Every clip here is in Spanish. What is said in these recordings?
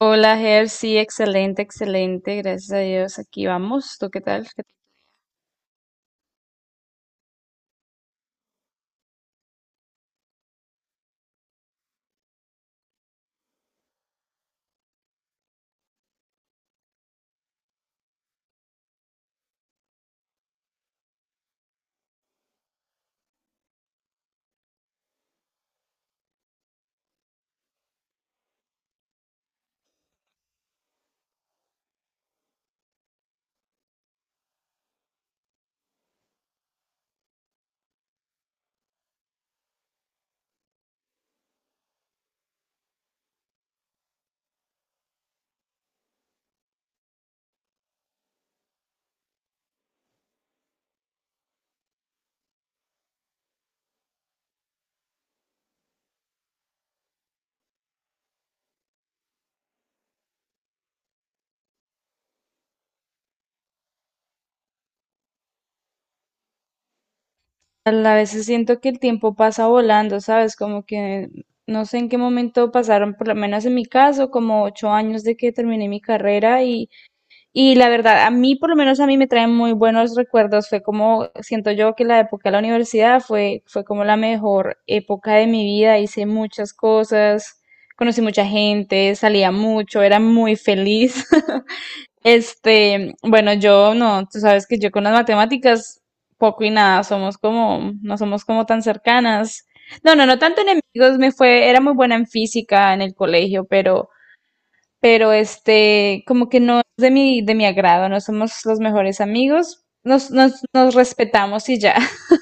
Hola, Ger, sí, excelente, excelente, gracias a Dios, aquí vamos, ¿tú qué tal? ¿Qué tal? A veces siento que el tiempo pasa volando, ¿sabes? Como que no sé en qué momento pasaron, por lo menos en mi caso, como 8 años de que terminé mi carrera y la verdad, a mí, por lo menos a mí me traen muy buenos recuerdos, fue como, siento yo que la época de la universidad fue, fue como la mejor época de mi vida, hice muchas cosas, conocí mucha gente, salía mucho, era muy feliz. Este, bueno, yo no, tú sabes que yo con las matemáticas poco y nada, somos como, no somos como tan cercanas. No, no, no tanto enemigos, me fue, era muy buena en física en el colegio, pero este, como que no es de mi agrado, no somos los mejores amigos, nos respetamos y ya.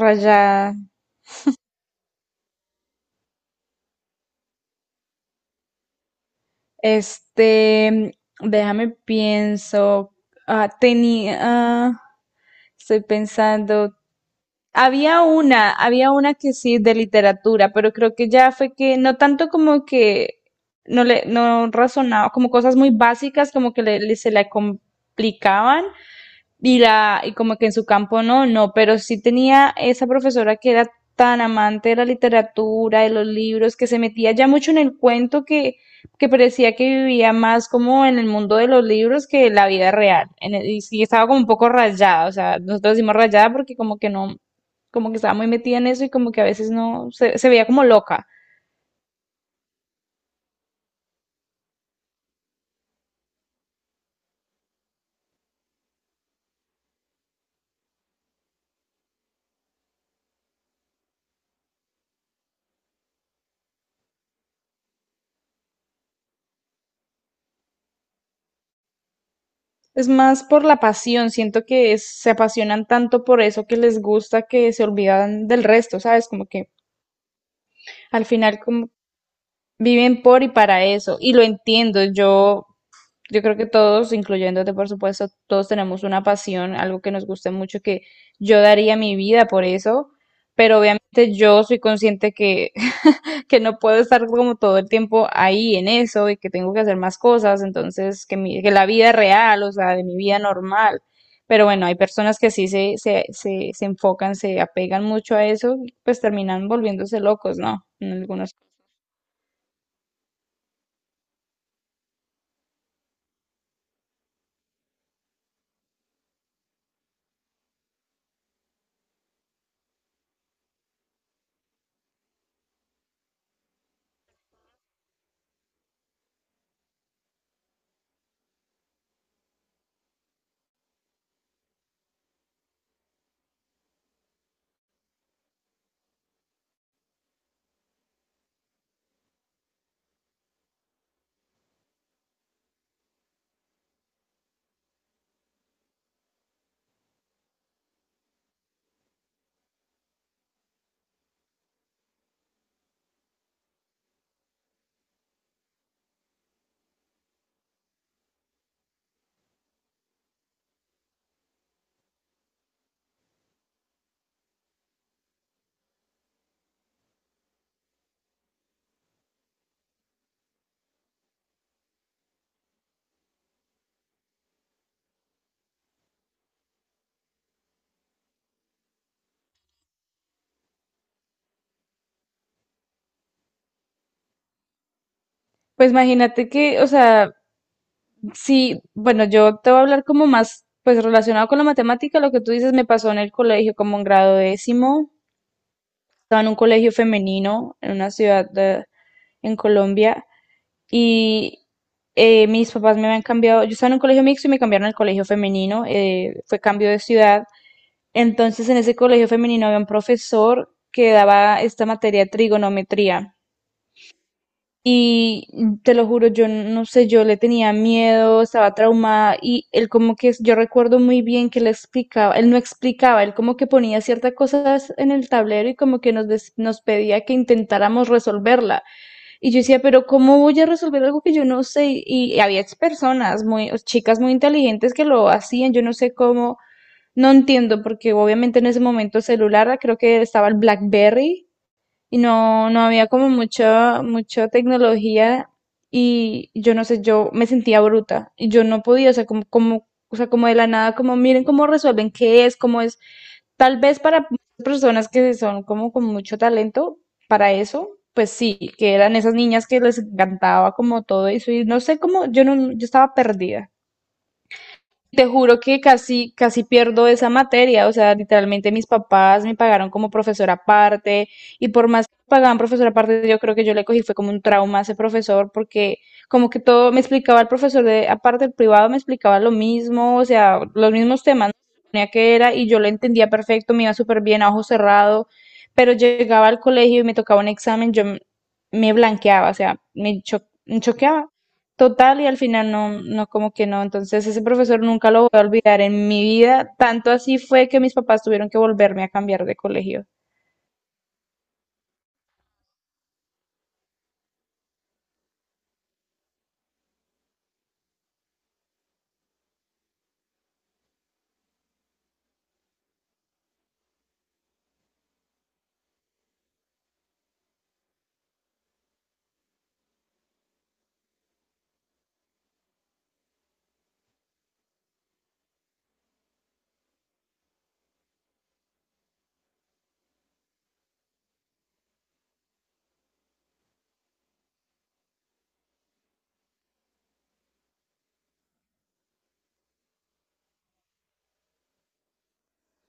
Raya, este, déjame pienso, tenía, estoy pensando. Había una que sí de literatura, pero creo que ya fue que no tanto como que no le no razonaba, como cosas muy básicas como que se le complicaban, y la y como que en su campo no, no, pero sí tenía esa profesora que era tan amante de la literatura, de los libros, que se metía ya mucho en el cuento que parecía que vivía más como en el mundo de los libros que la vida real. Y sí estaba como un poco rayada, o sea, nosotros decimos rayada porque como que no, como que estaba muy metida en eso y como que a veces no, se veía como loca. Es más por la pasión, siento que se apasionan tanto por eso que les gusta que se olvidan del resto, ¿sabes? Como que al final como viven por y para eso, y lo entiendo. Yo creo que todos, incluyéndote por supuesto, todos tenemos una pasión, algo que nos guste mucho, que yo daría mi vida por eso, pero obviamente yo soy consciente que, que no puedo estar como todo el tiempo ahí en eso y que tengo que hacer más cosas, entonces que, mi, que la vida real, o sea, de mi vida normal. Pero bueno, hay personas que sí se enfocan, se apegan mucho a eso, pues terminan volviéndose locos, ¿no? En algunos. Pues imagínate que, o sea, sí, bueno, yo te voy a hablar como más, pues relacionado con la matemática, lo que tú dices me pasó en el colegio como en grado décimo, estaba en un colegio femenino en una ciudad en Colombia y mis papás me habían cambiado, yo estaba en un colegio mixto y me cambiaron al colegio femenino, fue cambio de ciudad, entonces en ese colegio femenino había un profesor que daba esta materia de trigonometría. Y te lo juro, yo no sé, yo le tenía miedo, estaba traumada y él como que, yo recuerdo muy bien que le explicaba, él no explicaba, él como que ponía ciertas cosas en el tablero y como que nos, nos pedía que intentáramos resolverla. Y yo decía, pero ¿cómo voy a resolver algo que yo no sé? Y había personas muy, chicas muy inteligentes que lo hacían, yo no sé cómo, no entiendo, porque obviamente en ese momento el celular, creo que estaba el BlackBerry y no, no había como mucha, mucha tecnología y yo no sé, yo me sentía bruta y yo no podía, o sea, como, como, o sea, como de la nada, como miren cómo resuelven, qué es, cómo es, tal vez para personas que son como con mucho talento para eso. Pues sí, que eran esas niñas que les encantaba como todo eso y no sé cómo, yo no, yo estaba perdida. Te juro que casi, casi pierdo esa materia, o sea, literalmente mis papás me pagaron como profesora aparte y por más que pagaban profesora aparte, yo creo que yo le cogí fue como un trauma a ese profesor porque como que todo me explicaba el profesor de aparte el privado me explicaba lo mismo, o sea, los mismos temas suponía que era y yo lo entendía perfecto, me iba súper bien a ojo cerrado, pero llegaba al colegio y me tocaba un examen, yo me blanqueaba, o sea, me choqueaba total y al final no, no, como que no. Entonces ese profesor nunca lo voy a olvidar en mi vida. Tanto así fue que mis papás tuvieron que volverme a cambiar de colegio.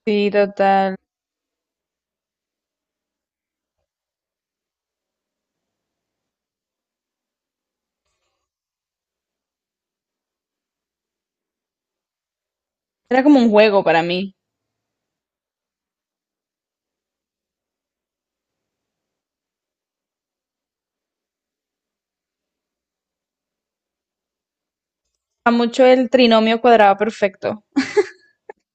Sí, total. Era como un juego para mí. A mucho el trinomio cuadrado perfecto.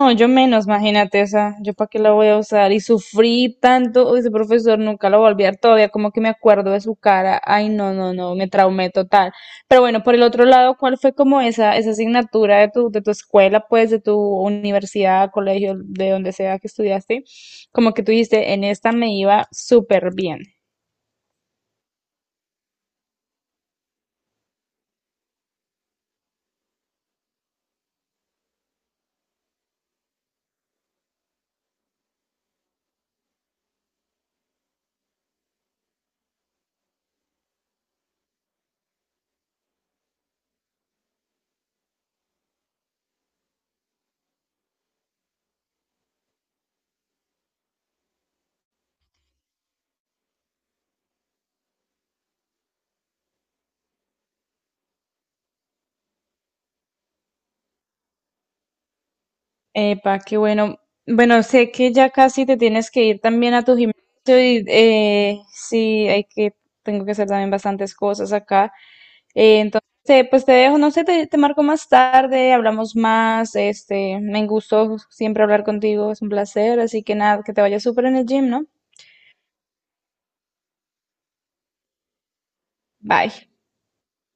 No, yo menos, imagínate, esa, yo para qué la voy a usar. Y sufrí tanto, uy, ese profesor nunca lo voy a olvidar todavía, como que me acuerdo de su cara. Ay, no, no, no, me traumé total. Pero bueno, por el otro lado, ¿cuál fue como esa asignatura de tu escuela, pues, de tu universidad, colegio, de donde sea que estudiaste? Como que tú dijiste, en esta me iba súper bien. Epa, qué bueno. Bueno, sé que ya casi te tienes que ir también a tu gimnasio y sí, hay que, tengo que hacer también bastantes cosas acá. Entonces, pues te dejo, no sé, te marco más tarde, hablamos más, este, me gustó siempre hablar contigo, es un placer, así que nada, que te vaya súper en el gym, ¿no? Bye.